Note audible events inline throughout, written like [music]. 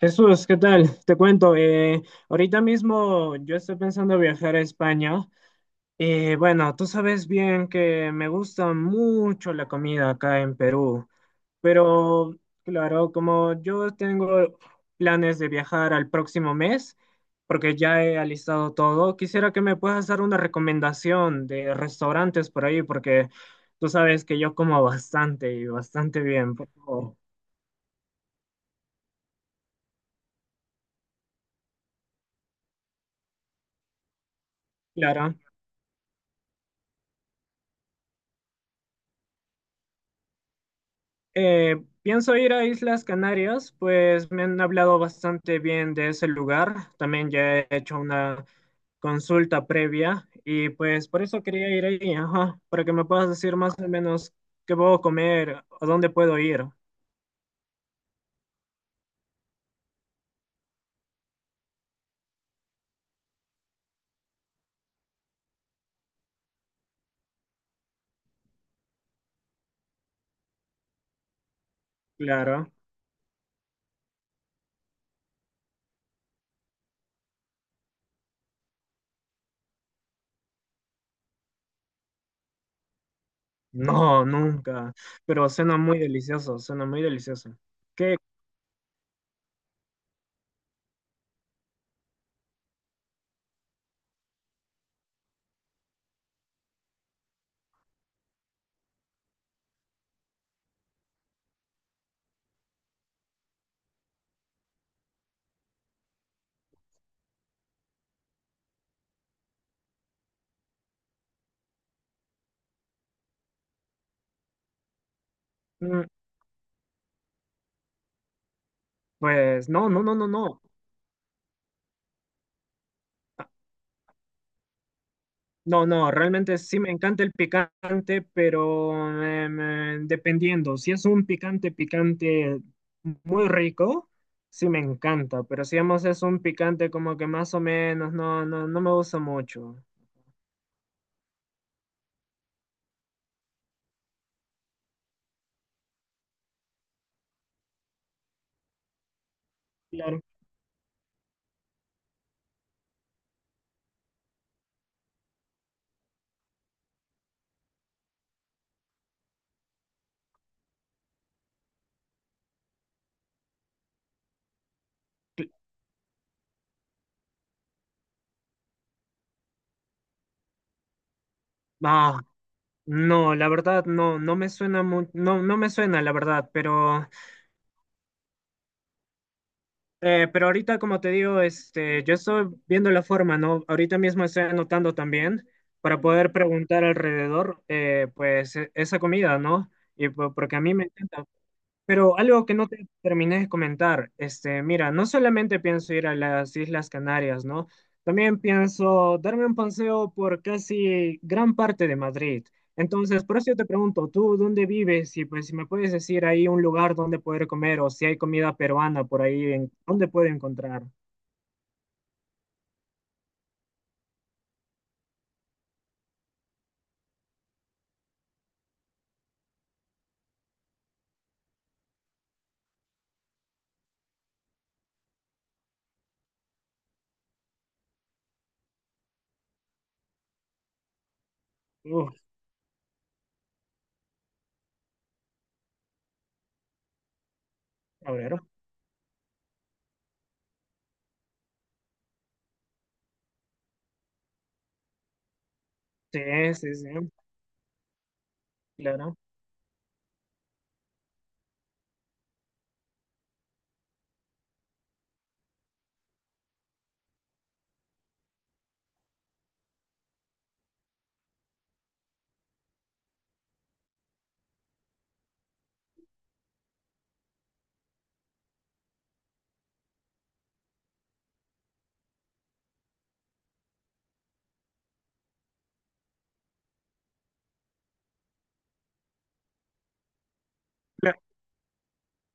Jesús, ¿qué tal? Te cuento, ahorita mismo yo estoy pensando viajar a España. Y bueno, tú sabes bien que me gusta mucho la comida acá en Perú, pero claro, como yo tengo planes de viajar al próximo mes, porque ya he alistado todo, quisiera que me puedas dar una recomendación de restaurantes por ahí, porque tú sabes que yo como bastante y bastante bien, por favor. Claro. Pienso ir a Islas Canarias, pues me han hablado bastante bien de ese lugar. También ya he hecho una consulta previa y pues por eso quería ir ahí, ajá, para que me puedas decir más o menos qué puedo comer, a dónde puedo ir. Claro. No, nunca, pero suena muy delicioso, suena muy delicioso. ¿Qué? Mm. Pues no, no, no, no, no. No, no, realmente sí me encanta el picante, pero dependiendo, si es un picante picante muy rico, sí me encanta, pero si digamos es un picante como que más o menos, no, no, no me gusta mucho. Claro. Cl- Ah, no, la verdad no, no, no me suena la verdad, pero ahorita, como te digo, este, yo estoy viendo la forma, ¿no? Ahorita mismo estoy anotando también para poder preguntar alrededor, pues, esa comida, ¿no? Y porque a mí me encanta. Pero algo que no te terminé de comentar, este, mira, no solamente pienso ir a las Islas Canarias, ¿no? También pienso darme un paseo por casi gran parte de Madrid. Entonces, por eso yo te pregunto, ¿tú dónde vives? Y pues si me puedes decir ahí un lugar donde poder comer o si hay comida peruana por ahí, en, ¿dónde puedo encontrar? Uf, a ver. Sí, sí, sí, claro.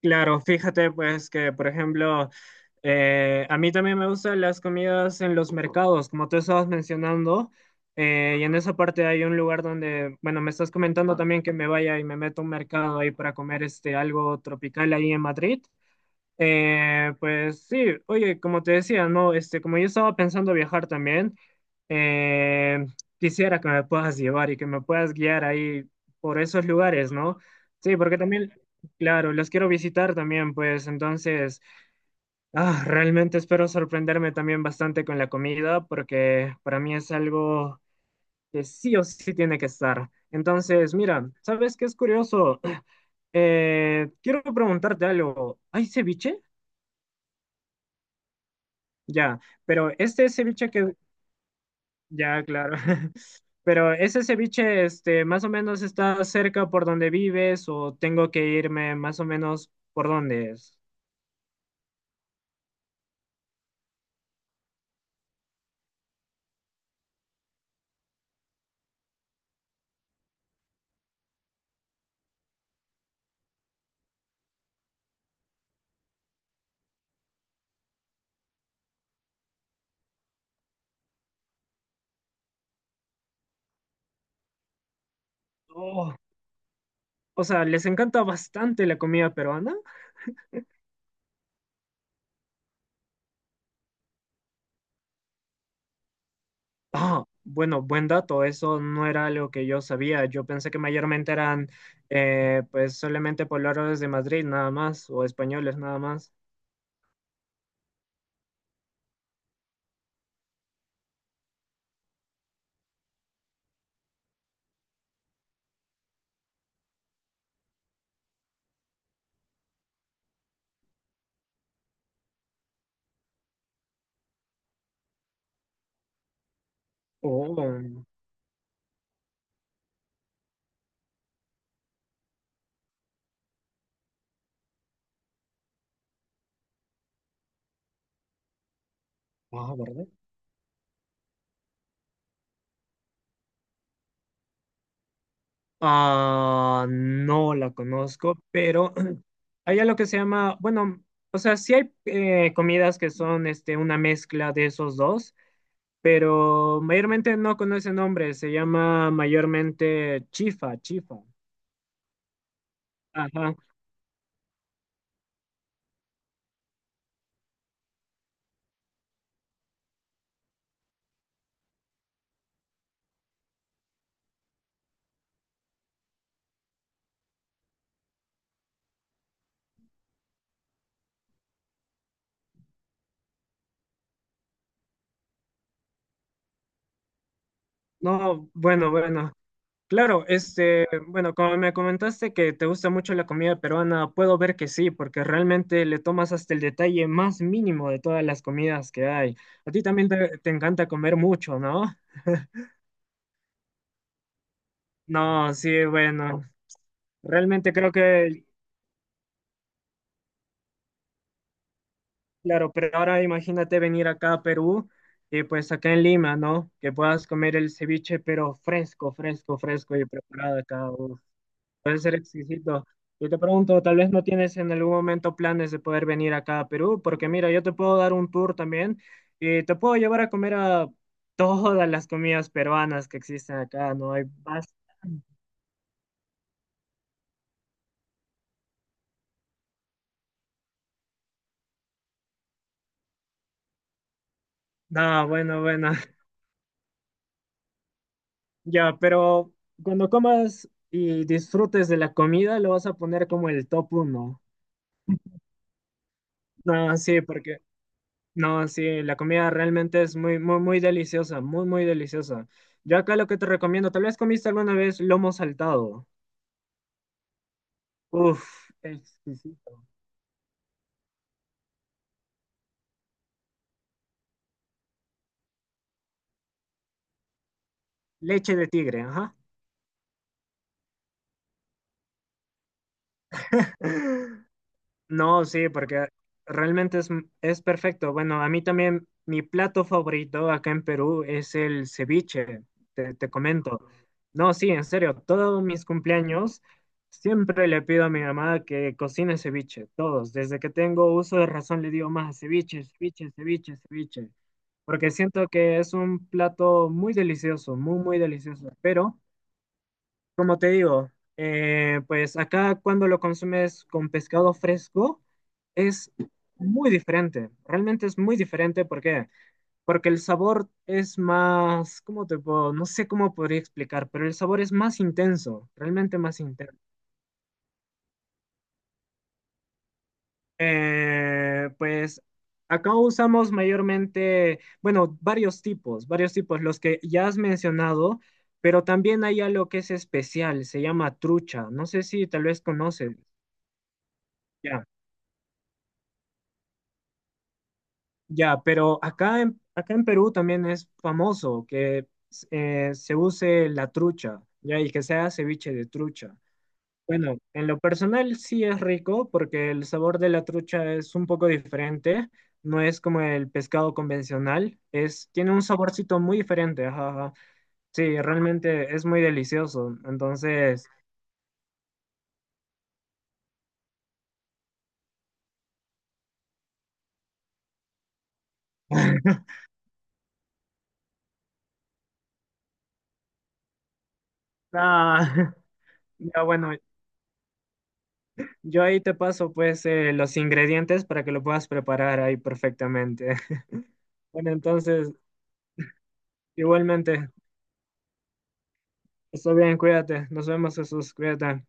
Claro, fíjate pues que, por ejemplo, a mí también me gustan las comidas en los mercados, como tú estabas mencionando, y en esa parte hay un lugar donde, bueno, me estás comentando también que me vaya y me meto a un mercado ahí para comer este algo tropical ahí en Madrid. Pues sí, oye, como te decía, no, este, como yo estaba pensando viajar también, eh, quisiera que me puedas llevar y que me puedas guiar ahí por esos lugares, ¿no? Sí, porque también, claro, los quiero visitar también, pues entonces, ah, realmente espero sorprenderme también bastante con la comida, porque para mí es algo que sí o sí tiene que estar. Entonces, mira, ¿sabes qué es curioso? [clears throat] Quiero preguntarte algo. ¿Hay ceviche? Ya, pero este ceviche que, ya, claro, [laughs] pero ese ceviche, este, más o menos está cerca por donde vives o tengo que irme más o menos por dónde es. Oh, o sea, les encanta bastante la comida peruana. Ah, bueno, buen dato, eso no era algo que yo sabía. Yo pensé que mayormente eran, pues, solamente pobladores de Madrid nada más o españoles nada más. Oh, ah, ¿verdad? Ah, no la conozco, pero [clears throat] hay algo que se llama, bueno, o sea, sí hay comidas que son este, una mezcla de esos dos, pero mayormente no con ese nombre, se llama mayormente chifa, chifa. Ajá. No, bueno, bueno. Claro, este, bueno, como me comentaste que te gusta mucho la comida peruana, puedo ver que sí, porque realmente le tomas hasta el detalle más mínimo de todas las comidas que hay. A ti también te encanta comer mucho, ¿no? No, sí, bueno, realmente creo que, claro, pero ahora imagínate venir acá a Perú y pues acá en Lima, ¿no? Que puedas comer el ceviche, pero fresco, fresco, fresco y preparado acá. Uf, puede ser exquisito. Yo te pregunto, tal vez no tienes en algún momento planes de poder venir acá a Perú, porque mira, yo te puedo dar un tour también y te puedo llevar a comer a todas las comidas peruanas que existen acá, ¿no? Hay bastante. No, bueno, bueno. [laughs] Ya, pero cuando comas y disfrutes de la comida, lo vas a poner como el top uno. No, sí, porque no, sí, la comida realmente es muy, muy, muy deliciosa, muy, muy deliciosa. Yo acá lo que te recomiendo, tal vez comiste alguna vez lomo saltado. Uf, exquisito. Leche de tigre, ajá. [laughs] No, sí, porque realmente es perfecto. Bueno, a mí también mi plato favorito acá en Perú es el ceviche, te comento. No, sí, en serio, todos mis cumpleaños siempre le pido a mi mamá que cocine ceviche, todos. Desde que tengo uso de razón le digo más ceviche, ceviche, ceviche, ceviche, porque siento que es un plato muy delicioso, muy, muy delicioso, pero... Como te digo, pues acá cuando lo consumes con pescado fresco es muy diferente, realmente es muy diferente, ¿por qué? Porque el sabor es más, ¿cómo te puedo? No sé cómo podría explicar, pero el sabor es más intenso, realmente más intenso. Pues acá usamos mayormente, bueno, varios tipos, los que ya has mencionado, pero también hay algo que es especial, se llama trucha, no sé si tal vez conoces. Ya. Ya, pero acá en, acá en Perú también es famoso que se use la trucha, ya, y que sea ceviche de trucha. Bueno, en lo personal sí es rico porque el sabor de la trucha es un poco diferente, no es como el pescado convencional, es, tiene un saborcito muy diferente, ajá, ajá. Sí, realmente es muy delicioso. Entonces, [laughs] ah, [laughs] ya bueno, yo ahí te paso pues los ingredientes para que lo puedas preparar ahí perfectamente. [laughs] Bueno, entonces, igualmente, está bien, cuídate. Nos vemos, Jesús, cuídate.